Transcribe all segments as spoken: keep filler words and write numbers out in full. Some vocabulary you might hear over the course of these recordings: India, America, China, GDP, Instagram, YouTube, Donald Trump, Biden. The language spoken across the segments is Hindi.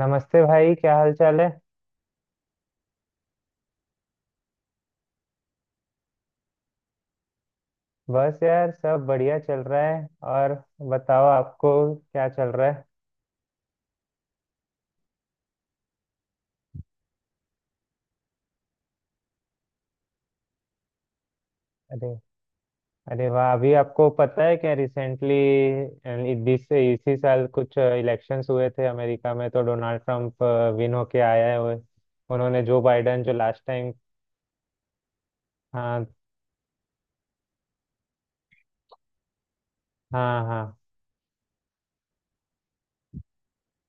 नमस्ते भाई, क्या हाल चाल है। बस यार सब बढ़िया चल रहा है। और बताओ, आपको क्या चल रहा है। अरे, अरे वाह। अभी आपको पता है क्या रिसेंटली बीस से इसी साल कुछ इलेक्शंस हुए थे अमेरिका में, तो डोनाल्ड ट्रंप विन होके आया है। वो- उन्होंने जो बाइडन जो लास्ट टाइम। हाँ हाँ हाँ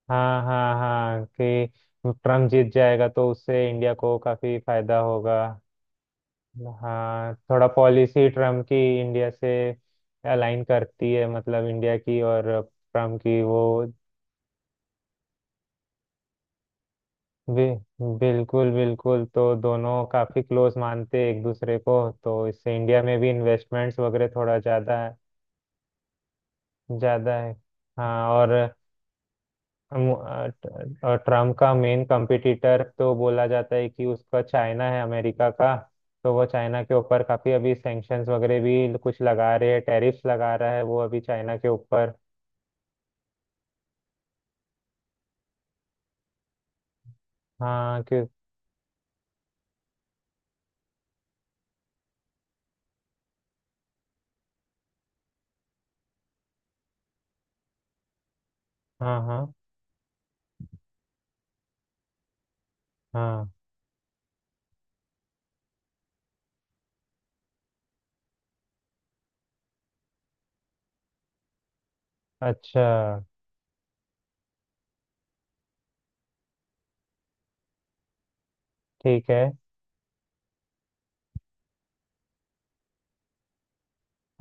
हाँ हाँ हाँ कि ट्रम्प जीत जाएगा तो उससे इंडिया को काफी फायदा होगा। हाँ, थोड़ा पॉलिसी ट्रम्प की इंडिया से अलाइन करती है, मतलब इंडिया की और ट्रम्प की वो बि, बिल्कुल बिल्कुल। तो दोनों काफी क्लोज मानते हैं एक दूसरे को। तो इससे इंडिया में भी इन्वेस्टमेंट्स वगैरह थोड़ा ज्यादा है ज्यादा है हाँ और अम, अ, ट- और ट्रम्प का मेन कंपटीटर तो बोला जाता है कि उसका चाइना है, अमेरिका का। तो वो चाइना के ऊपर काफी अभी सैंक्शंस वगैरह भी कुछ लगा रहे हैं, टैरिफ्स लगा रहा है वो अभी चाइना के ऊपर। हाँ क्यों। हाँ हाँ हाँ। अच्छा। ठीक है।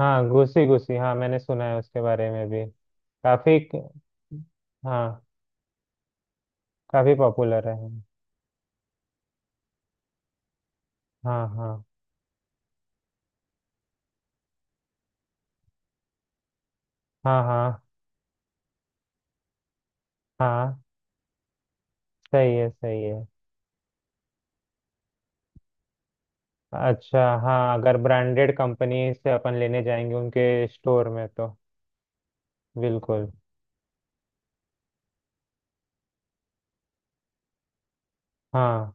हाँ, घुसी घुसी, हाँ मैंने सुना है उसके बारे में भी। काफी। हाँ काफी पॉपुलर है। हाँ हाँ हाँ हाँ हाँ। सही है सही है। अच्छा। हाँ, अगर ब्रांडेड कंपनी से अपन लेने जाएंगे उनके स्टोर में तो बिल्कुल। हाँ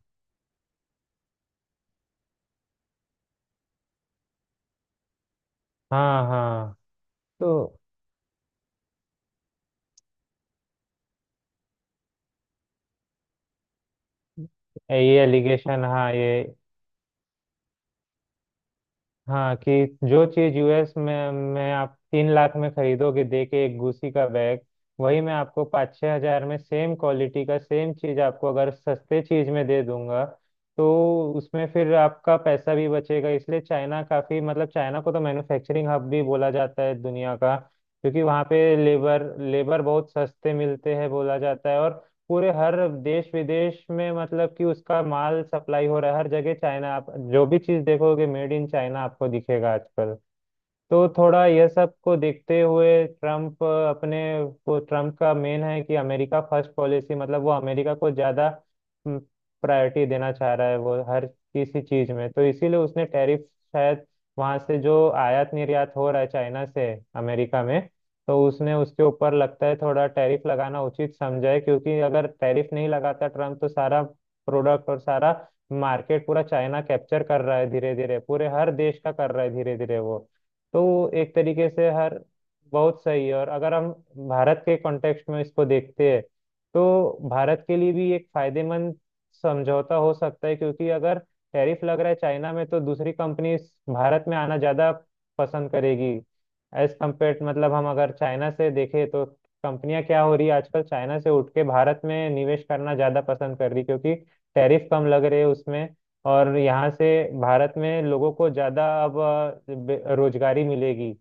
हाँ हाँ। तो ये एलिगेशन, हाँ ये। हाँ, कि जो चीज यूएस में में आप तीन लाख में खरीदोगे दे के, एक गुसी का बैग, वही मैं आपको पाँच छः हजार में सेम क्वालिटी का, सेम चीज आपको अगर सस्ते चीज में दे दूंगा तो उसमें फिर आपका पैसा भी बचेगा। इसलिए चाइना काफी, मतलब चाइना को तो मैन्युफैक्चरिंग हब भी बोला जाता है दुनिया का, क्योंकि वहाँ पे लेबर, लेबर बहुत सस्ते मिलते हैं बोला जाता है। और पूरे हर देश विदेश में, मतलब कि उसका माल सप्लाई हो रहा है हर जगह। चाइना, आप जो भी चीज देखोगे मेड इन चाइना आपको दिखेगा आजकल। तो थोड़ा यह सब को देखते हुए ट्रम्प अपने वो, ट्रम्प का मेन है कि अमेरिका फर्स्ट पॉलिसी, मतलब वो अमेरिका को ज़्यादा प्रायोरिटी देना चाह रहा है वो हर किसी चीज़ में। तो इसीलिए उसने टैरिफ शायद, वहाँ से जो आयात निर्यात हो रहा है चाइना से अमेरिका में, तो उसने उसके ऊपर लगता है थोड़ा टैरिफ लगाना उचित समझा है। क्योंकि अगर टैरिफ नहीं लगाता ट्रम्प तो सारा प्रोडक्ट और सारा मार्केट पूरा चाइना कैप्चर कर रहा है धीरे धीरे, पूरे हर देश का कर रहा है धीरे धीरे वो। तो एक तरीके से हर बहुत सही है। और अगर हम भारत के कॉन्टेक्स्ट में इसको देखते हैं तो भारत के लिए भी एक फायदेमंद समझौता हो सकता है, क्योंकि अगर टैरिफ लग रहा है चाइना में तो दूसरी कंपनी भारत में आना ज़्यादा पसंद करेगी एज कम्पेयर, मतलब हम अगर चाइना से देखें तो कंपनियां क्या हो रही है आजकल, चाइना से उठ के भारत में निवेश करना ज़्यादा पसंद कर रही, क्योंकि टैरिफ कम लग रहे हैं उसमें। और यहाँ से भारत में लोगों को ज़्यादा अब अ, बे- रोजगारी मिलेगी।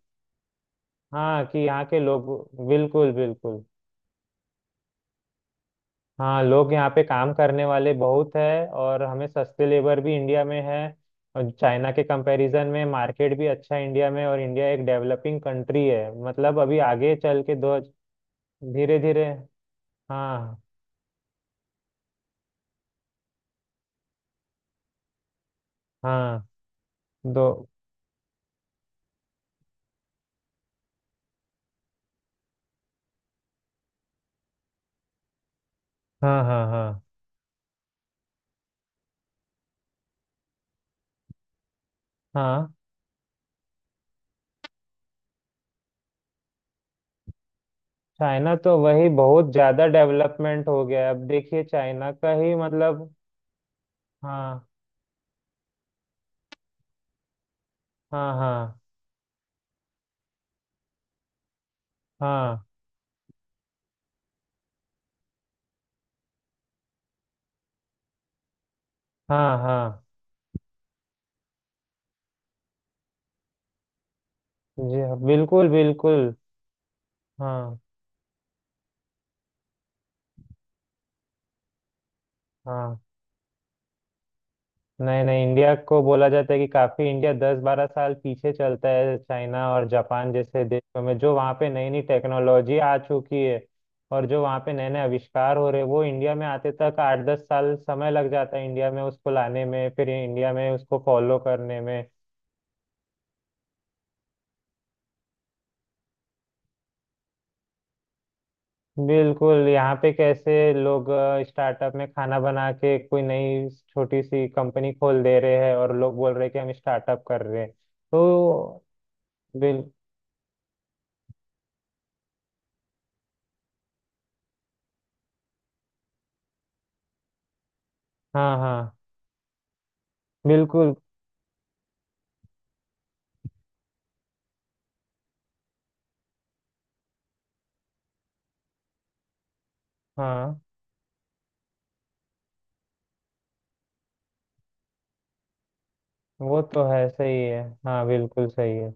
हाँ, कि यहाँ के लोग बिल्कुल बिल्कुल। हाँ, लोग यहाँ पे काम करने वाले बहुत है, और हमें सस्ते लेबर भी इंडिया में है। और चाइना के कंपैरिजन में मार्केट भी अच्छा है इंडिया में, और इंडिया एक डेवलपिंग कंट्री है, मतलब अभी आगे चल के दो धीरे धीरे। हाँ हाँ दो हाँ हाँ हाँ हाँ। चाइना तो वही बहुत ज्यादा डेवलपमेंट हो गया है। अब देखिए चाइना का ही मतलब। हाँ हाँ हाँ हाँ हाँ हाँ। जी हाँ बिल्कुल बिल्कुल। हाँ हाँ। नहीं नहीं, इंडिया को बोला जाता है कि काफी इंडिया दस बारह साल पीछे चलता है चाइना और जापान जैसे देशों में, जो वहाँ पे नई नई टेक्नोलॉजी आ चुकी है, और जो वहाँ पे नए नए आविष्कार हो रहे हैं, वो इंडिया में आते तक आठ दस साल समय लग जाता है, इंडिया में उसको लाने में, फिर इंडिया में उसको फॉलो करने में। बिल्कुल। यहाँ पे कैसे लोग स्टार्टअप में खाना बना के कोई नई छोटी सी कंपनी खोल दे रहे हैं, और लोग बोल रहे हैं कि हम स्टार्टअप कर रहे हैं, तो बिल हाँ हाँ। बिल्कुल। हाँ वो तो है, सही है, हाँ बिल्कुल सही है।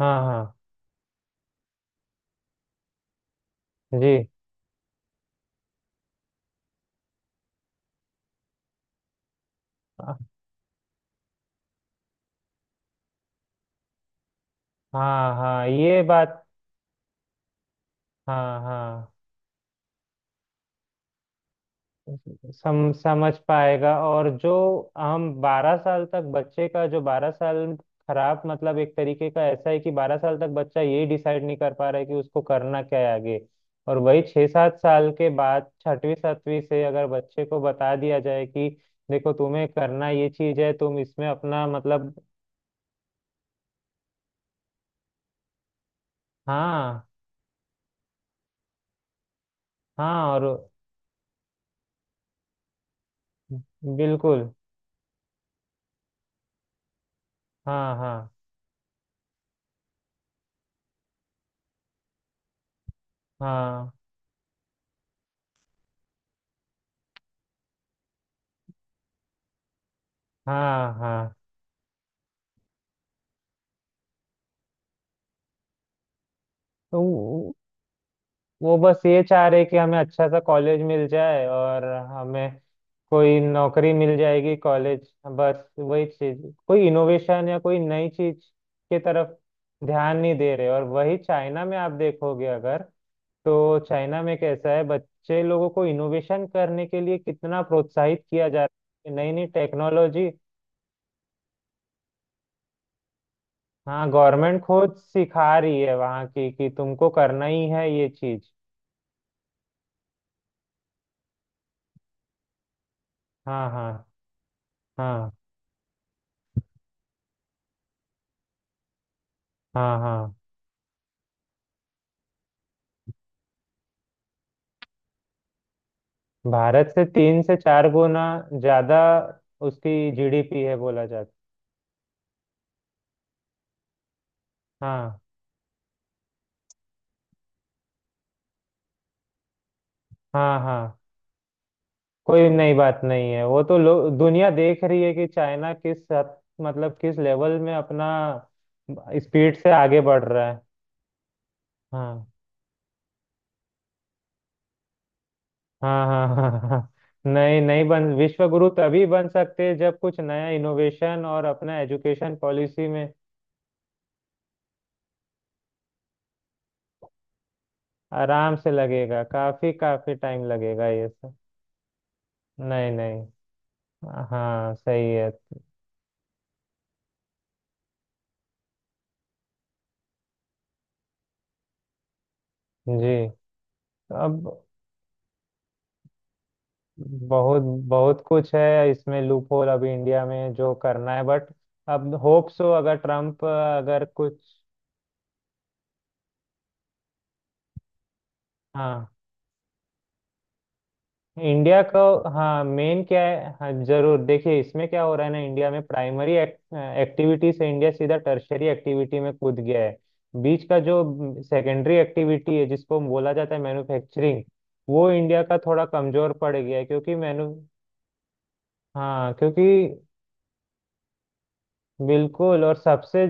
हाँ हाँ जी। हाँ हाँ ये बात। हाँ हाँ सम, समझ पाएगा। और जो हम बारह साल तक बच्चे का, जो बारह साल खराब, मतलब एक तरीके का ऐसा है कि बारह साल तक बच्चा ये डिसाइड नहीं कर पा रहा है कि उसको करना क्या है आगे। और वही छः सात साल के बाद, छठवीं सातवीं से अगर बच्चे को बता दिया जाए कि देखो तुम्हें करना ये चीज है, तुम इसमें अपना मतलब। हाँ हाँ और बिल्कुल। हाँ हाँ हाँ हाँ हाँ। तो वो बस ये चाह रहे कि हमें अच्छा सा कॉलेज मिल जाए और हमें कोई नौकरी मिल जाएगी कॉलेज, बस वही चीज। कोई इनोवेशन या कोई नई चीज के तरफ ध्यान नहीं दे रहे। और वही चाइना में आप देखोगे अगर, तो चाइना में कैसा है, बच्चे लोगों को इनोवेशन करने के लिए कितना प्रोत्साहित किया जा रहा है, नई नई टेक्नोलॉजी। हाँ, गवर्नमेंट खुद सिखा रही है वहाँ की कि तुमको करना ही है ये चीज। हाँ हाँ हाँ हाँ हाँ। भारत से तीन से चार गुना ज्यादा उसकी जीडीपी है बोला जाता। हाँ हाँ हाँ। कोई नई बात नहीं है वो तो। लोग दुनिया देख रही है कि चाइना किस हद, मतलब किस लेवल में अपना स्पीड से आगे बढ़ रहा है। हाँ हाँ हाँ हाँ हाँ। नहीं नहीं, बन विश्व गुरु तभी बन सकते हैं जब कुछ नया इनोवेशन और अपना एजुकेशन पॉलिसी में। आराम से लगेगा, काफी काफी टाइम लगेगा ये सब। नहीं नहीं, हाँ सही है। जी। अब बहुत बहुत कुछ है इसमें, लूप होल अभी इंडिया में जो करना है, बट अब होप सो अगर ट्रम्प अगर कुछ। हाँ इंडिया को, हाँ मेन क्या है, हाँ जरूर देखिए इसमें क्या हो रहा है ना। इंडिया में प्राइमरी एक्टिविटी से इंडिया सीधा टर्शरी एक्टिविटी में कूद गया है। बीच का जो सेकेंडरी एक्टिविटी है, जिसको बोला जाता है मैन्युफैक्चरिंग, वो इंडिया का थोड़ा कमजोर पड़ गया है, क्योंकि मैनु हाँ, क्योंकि बिल्कुल। और सबसे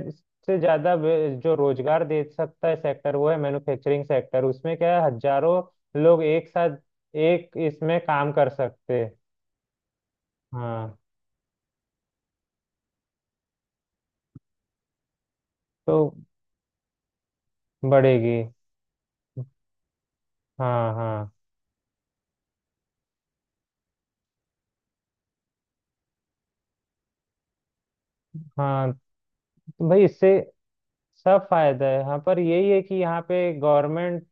से ज्यादा वे- जो रोजगार दे सकता है सेक्टर, वो है मैन्युफैक्चरिंग सेक्टर। उसमें क्या है, हजारों लोग एक साथ एक इसमें काम कर सकते हैं। हाँ तो बढ़ेगी। हाँ हाँ हाँ, तो भाई इससे सब फायदा है। हाँ पर यही है कि यहाँ पे गवर्नमेंट,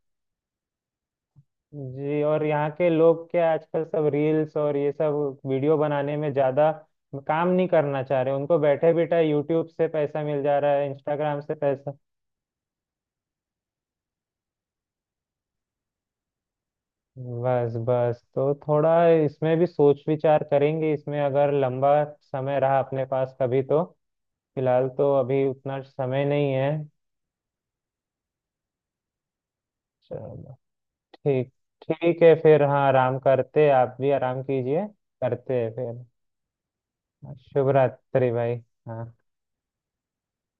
जी, और यहाँ के लोग क्या आजकल सब रील्स और ये सब वीडियो बनाने में ज्यादा काम नहीं करना चाह रहे। उनको बैठे बैठे यूट्यूब से पैसा मिल जा रहा है, इंस्टाग्राम से पैसा। बस बस, तो थोड़ा इसमें भी सोच विचार करेंगे, इसमें अगर लंबा समय रहा अपने पास कभी तो। फिलहाल तो अभी उतना समय नहीं है। चलो, ठीक ठीक है फिर। हाँ, आराम करते हैं, आप भी आराम कीजिए। करते हैं फिर। शुभ रात्रि भाई। हाँ।